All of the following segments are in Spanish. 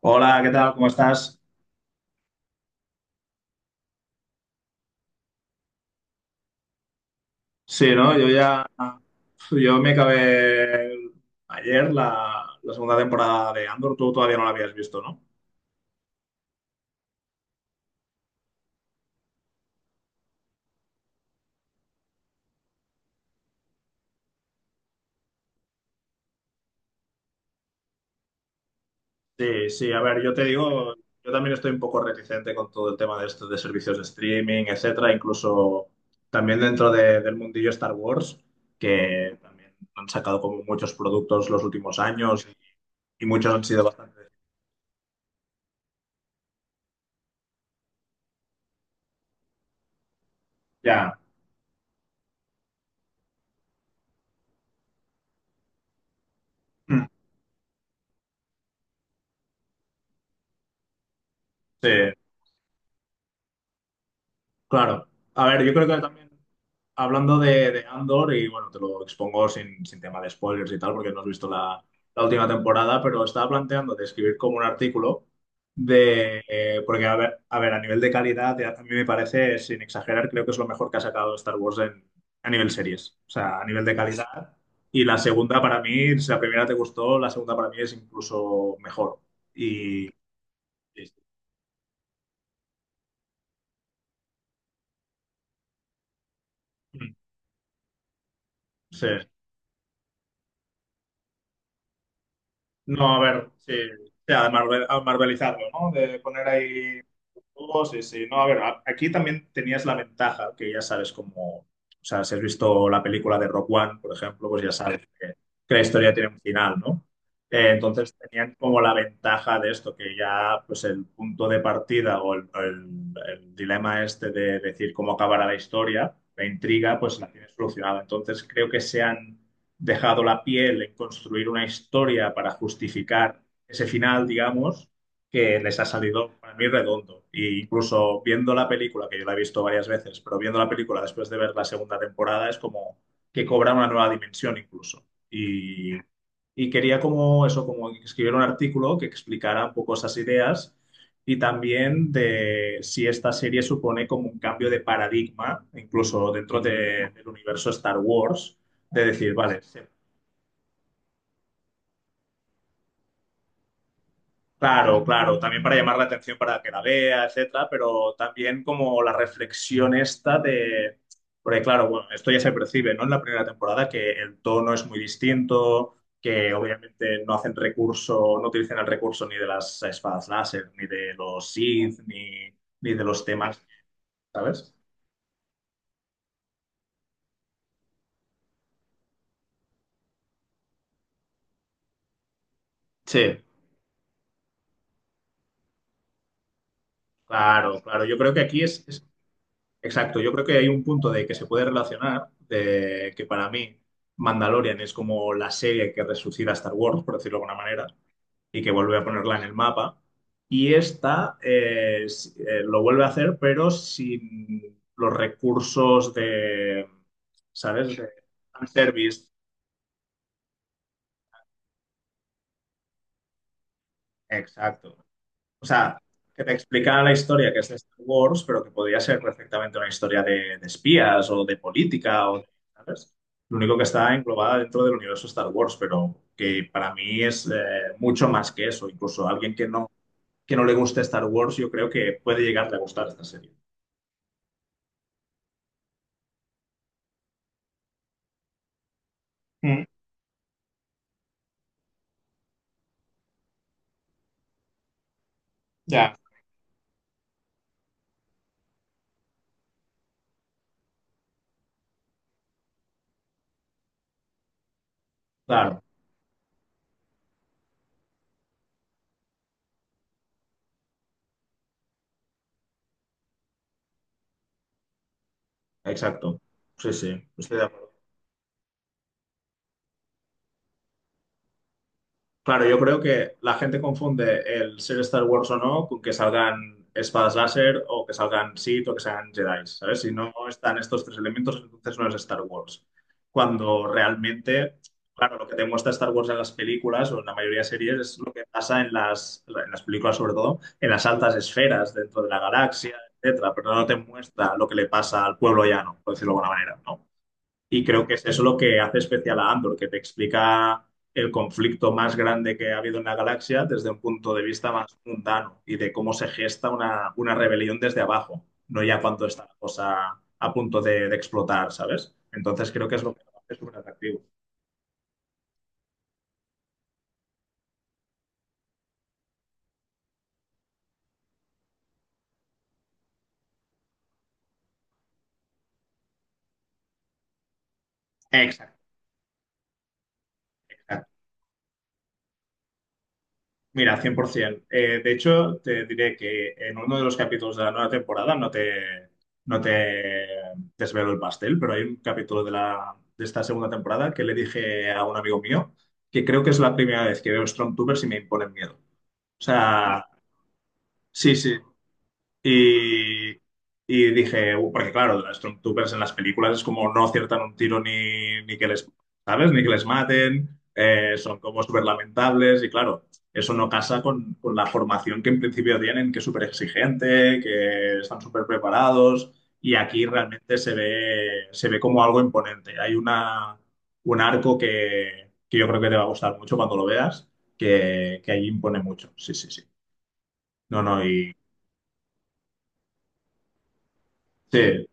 Hola, ¿qué tal? ¿Cómo estás? Sí, ¿no? Yo me acabé ayer la segunda temporada de Andor, tú todavía no la habías visto, ¿no? Sí, sí, a ver, yo te digo, yo también estoy un poco reticente con todo el tema de esto, de servicios de streaming, etcétera, incluso también del mundillo Star Wars, que también han sacado como muchos productos los últimos años y muchos han sido bastante... Ya, sí, claro. A ver, yo creo que también... hablando de Andor, y bueno, te lo expongo sin tema de spoilers y tal, porque no has visto la última temporada, pero estaba planteando de escribir como un artículo de, porque a ver, a nivel de calidad, a mí me parece, sin exagerar, creo que es lo mejor que ha sacado Star Wars en, a nivel series, o sea, a nivel de calidad. Y la segunda para mí, si la primera te gustó, la segunda para mí es incluso mejor. Y, sí. Sí, no, a ver, sí, o sea, a marvelizarlo, ¿no? De poner ahí... todos sí, sí, no, a ver, aquí también tenías la ventaja que ya sabes cómo, o sea, si has visto la película de Rock One, por ejemplo, pues ya sabes que la historia tiene un final, ¿no? Entonces tenían como la ventaja de esto, que ya pues el punto de partida o el dilema este de decir cómo acabará la historia, la intriga, pues la tienes solucionada. Entonces creo que se han dejado la piel en construir una historia para justificar ese final, digamos, que les ha salido para mí redondo. E incluso viendo la película, que yo la he visto varias veces, pero viendo la película después de ver la segunda temporada es como que cobra una nueva dimensión incluso. Y quería como eso, como escribir un artículo que explicara un poco esas ideas y también de si esta serie supone como un cambio de paradigma, incluso del universo Star Wars, de decir, vale, se claro, claro, también para llamar la atención para que la vea, etcétera, pero también como la reflexión esta de, porque claro, bueno, esto ya se percibe, ¿no? En la primera temporada que el tono es muy distinto, que obviamente no hacen recurso, no utilizan el recurso ni de las espadas láser, ni de los Sith, ni de los temas, ¿sabes? Sí. Claro, claro, yo creo que aquí es Exacto, yo creo que hay un punto de que se puede relacionar, de que para mí Mandalorian es como la serie que resucita a Star Wars, por decirlo de alguna manera, y que vuelve a ponerla en el mapa. Y esta lo vuelve a hacer, pero sin los recursos de, ¿sabes? De fanservice. Exacto. O sea, que te explicara la historia que es de Star Wars, pero que podría ser perfectamente una historia de espías o de política ¿sabes? Lo único que está englobada dentro del universo Star Wars, pero que para mí es mucho más que eso. Incluso a alguien que no le guste Star Wars, yo creo que puede llegarle a gustar esta serie. Mm, ya. Claro, exacto. Sí, sí, estoy de acuerdo. Claro, yo creo que la gente confunde el ser Star Wars o no con que salgan espadas láser o que salgan Sith o que salgan Jedi, ¿sabes? Si no están estos tres elementos, entonces no es Star Wars. Cuando realmente, claro, lo que te muestra Star Wars en las películas o en la mayoría de series es lo que pasa en las películas, sobre todo, en las altas esferas dentro de la galaxia, etcétera, pero no te muestra lo que le pasa al pueblo llano, por decirlo de alguna manera, ¿no? Y creo que es eso lo que hace especial a Andor, que te explica el conflicto más grande que ha habido en la galaxia desde un punto de vista más mundano y de cómo se gesta una rebelión desde abajo, no ya cuando está la cosa a punto de explotar, ¿sabes? Entonces creo que es lo que lo hace súper atractivo. Exacto. Mira, 100%. De hecho, te diré que en uno de los capítulos de la nueva temporada, no te desvelo el pastel, pero hay un capítulo de, la, de esta segunda temporada que le dije a un amigo mío que creo que es la primera vez que veo Stormtroopers y me imponen miedo. O sea, sí, sí. Y, y dije, porque claro, los Stormtroopers en las películas es como no aciertan un tiro ni, ni que les, ¿sabes? Ni que les maten, son como súper lamentables y claro, eso no casa con la formación que en principio tienen, que es súper exigente, que están súper preparados y aquí realmente se ve como algo imponente. Hay una, un arco que yo creo que te va a gustar mucho cuando lo veas, que ahí impone mucho. Sí, sí, sí. No, no, y sí,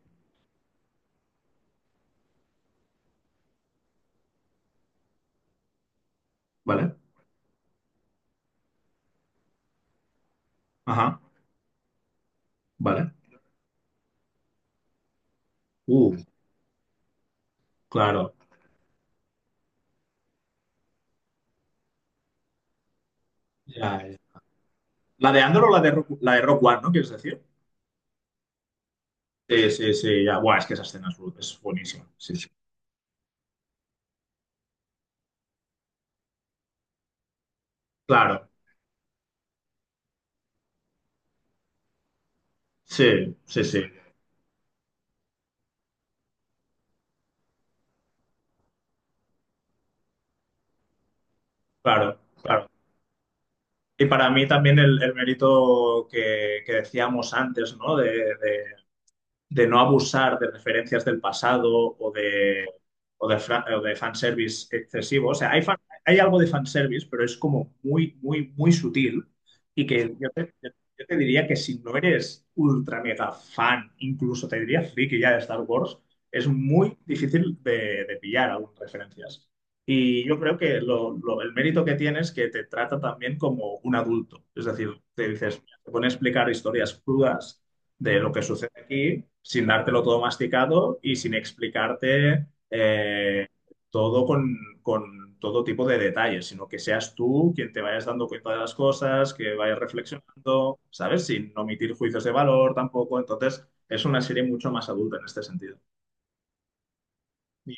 ¿vale? Ajá. Vale. Uh, claro. Ya, ya. La de Andor o la de Rock One, ¿no? ¿Quieres decir? Sí, sí, sí, ya. Es que esa escena es, es buenísima. Sí, sí. Claro. Sí, sí, sí. Claro, claro. Y para mí también el mérito que decíamos antes, ¿no? De no abusar de referencias del pasado o de fanservice excesivo. O sea, hay algo de fanservice, pero es como muy sutil y que yo te diría que si no eres ultra mega fan, incluso te diría friki ya de Star Wars, es muy difícil de pillar algunas referencias. Y yo creo que el mérito que tiene es que te trata también como un adulto. Es decir, te dices, te pone a explicar historias crudas de lo que sucede aquí sin dártelo todo masticado y sin explicarte todo con todo tipo de detalles, sino que seas tú quien te vayas dando cuenta de las cosas, que vayas reflexionando, ¿sabes? Sin omitir juicios de valor tampoco. Entonces, es una serie mucho más adulta en este sentido. Y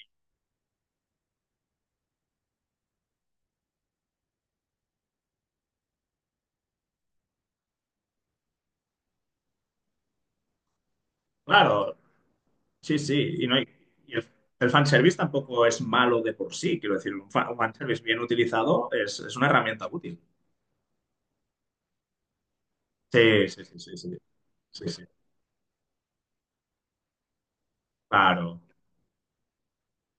claro, sí, sí, y no hay... y el fanservice tampoco es malo de por sí, quiero decir, un fanservice bien utilizado es una herramienta útil. Sí, sí, sí, sí, sí, sí, sí, claro.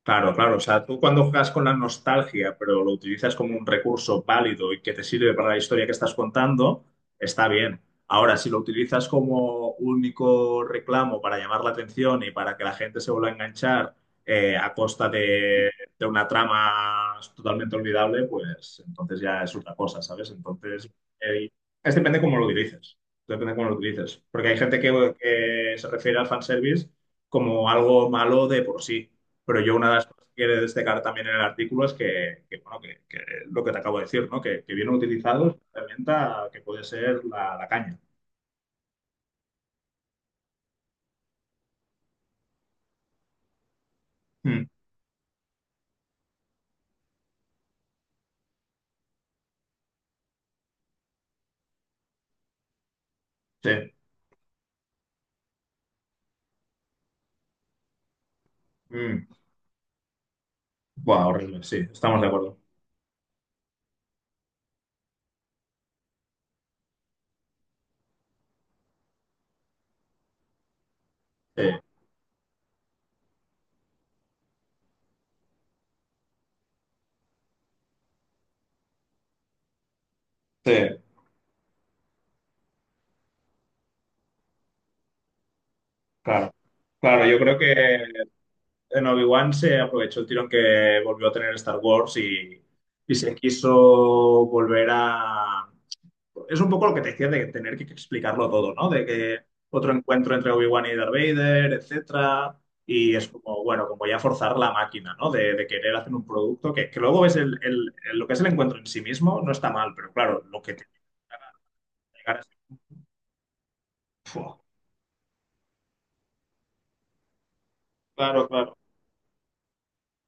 Claro, claro. O sea, tú cuando juegas con la nostalgia, pero lo utilizas como un recurso válido y que te sirve para la historia que estás contando, está bien. Ahora, si lo utilizas como único reclamo para llamar la atención y para que la gente se vuelva a enganchar a costa de una trama totalmente olvidable, pues entonces ya es otra cosa, ¿sabes? Entonces, eh, es depende cómo lo utilices. Depende cómo lo utilices. Porque hay gente que se refiere al fanservice como algo malo de por sí. Pero yo una de las cosas que quiero destacar también en el artículo es que, bueno, que lo que te acabo de decir, ¿no? Que vienen utilizados una herramienta que puede ser la, la caña. Mm, sí. Mm. Buah, horrible, sí, estamos de acuerdo. Sí, sí, claro. Claro, yo creo que en Obi-Wan se aprovechó el tirón que volvió a tener Star Wars y se quiso volver a, es un poco lo que te decía de tener que explicarlo todo, ¿no? De que otro encuentro entre Obi-Wan y Darth Vader, etcétera. Y es como, bueno, como ya forzar la máquina, ¿no? De querer hacer un producto que luego ves lo que es el encuentro en sí mismo, no está mal, pero claro, lo que te llegar a ser, ¡fua! Claro, claro.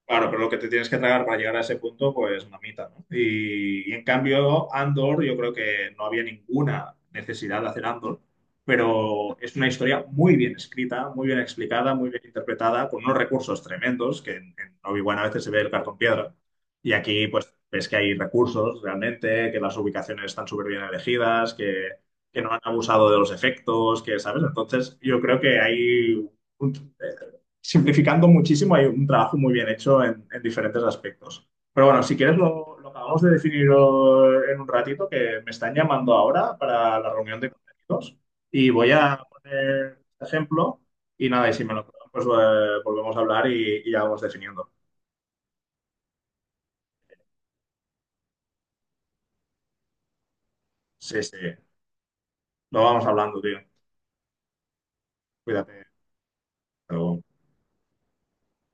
Claro, pero lo que te tienes que tragar para llegar a ese punto, pues mamita, ¿no? Y en cambio, Andor, yo creo que no había ninguna necesidad de hacer Andor, pero es una historia muy bien escrita, muy bien explicada, muy bien interpretada, con unos recursos tremendos, que en Obi-Wan a veces se ve el cartón piedra, y aquí pues ves que hay recursos realmente, que las ubicaciones están súper bien elegidas, que no han abusado de los efectos, que, ¿sabes? Entonces, yo creo que hay un- simplificando muchísimo, hay un trabajo muy bien hecho en diferentes aspectos. Pero bueno, si quieres lo acabamos de definir en un ratito, que me están llamando ahora para la reunión de contenidos y voy a poner este ejemplo y nada, y si me lo prueban, pues volvemos a hablar y ya vamos definiendo. Sí, sí, lo vamos hablando, tío. Cuídate. Hasta luego.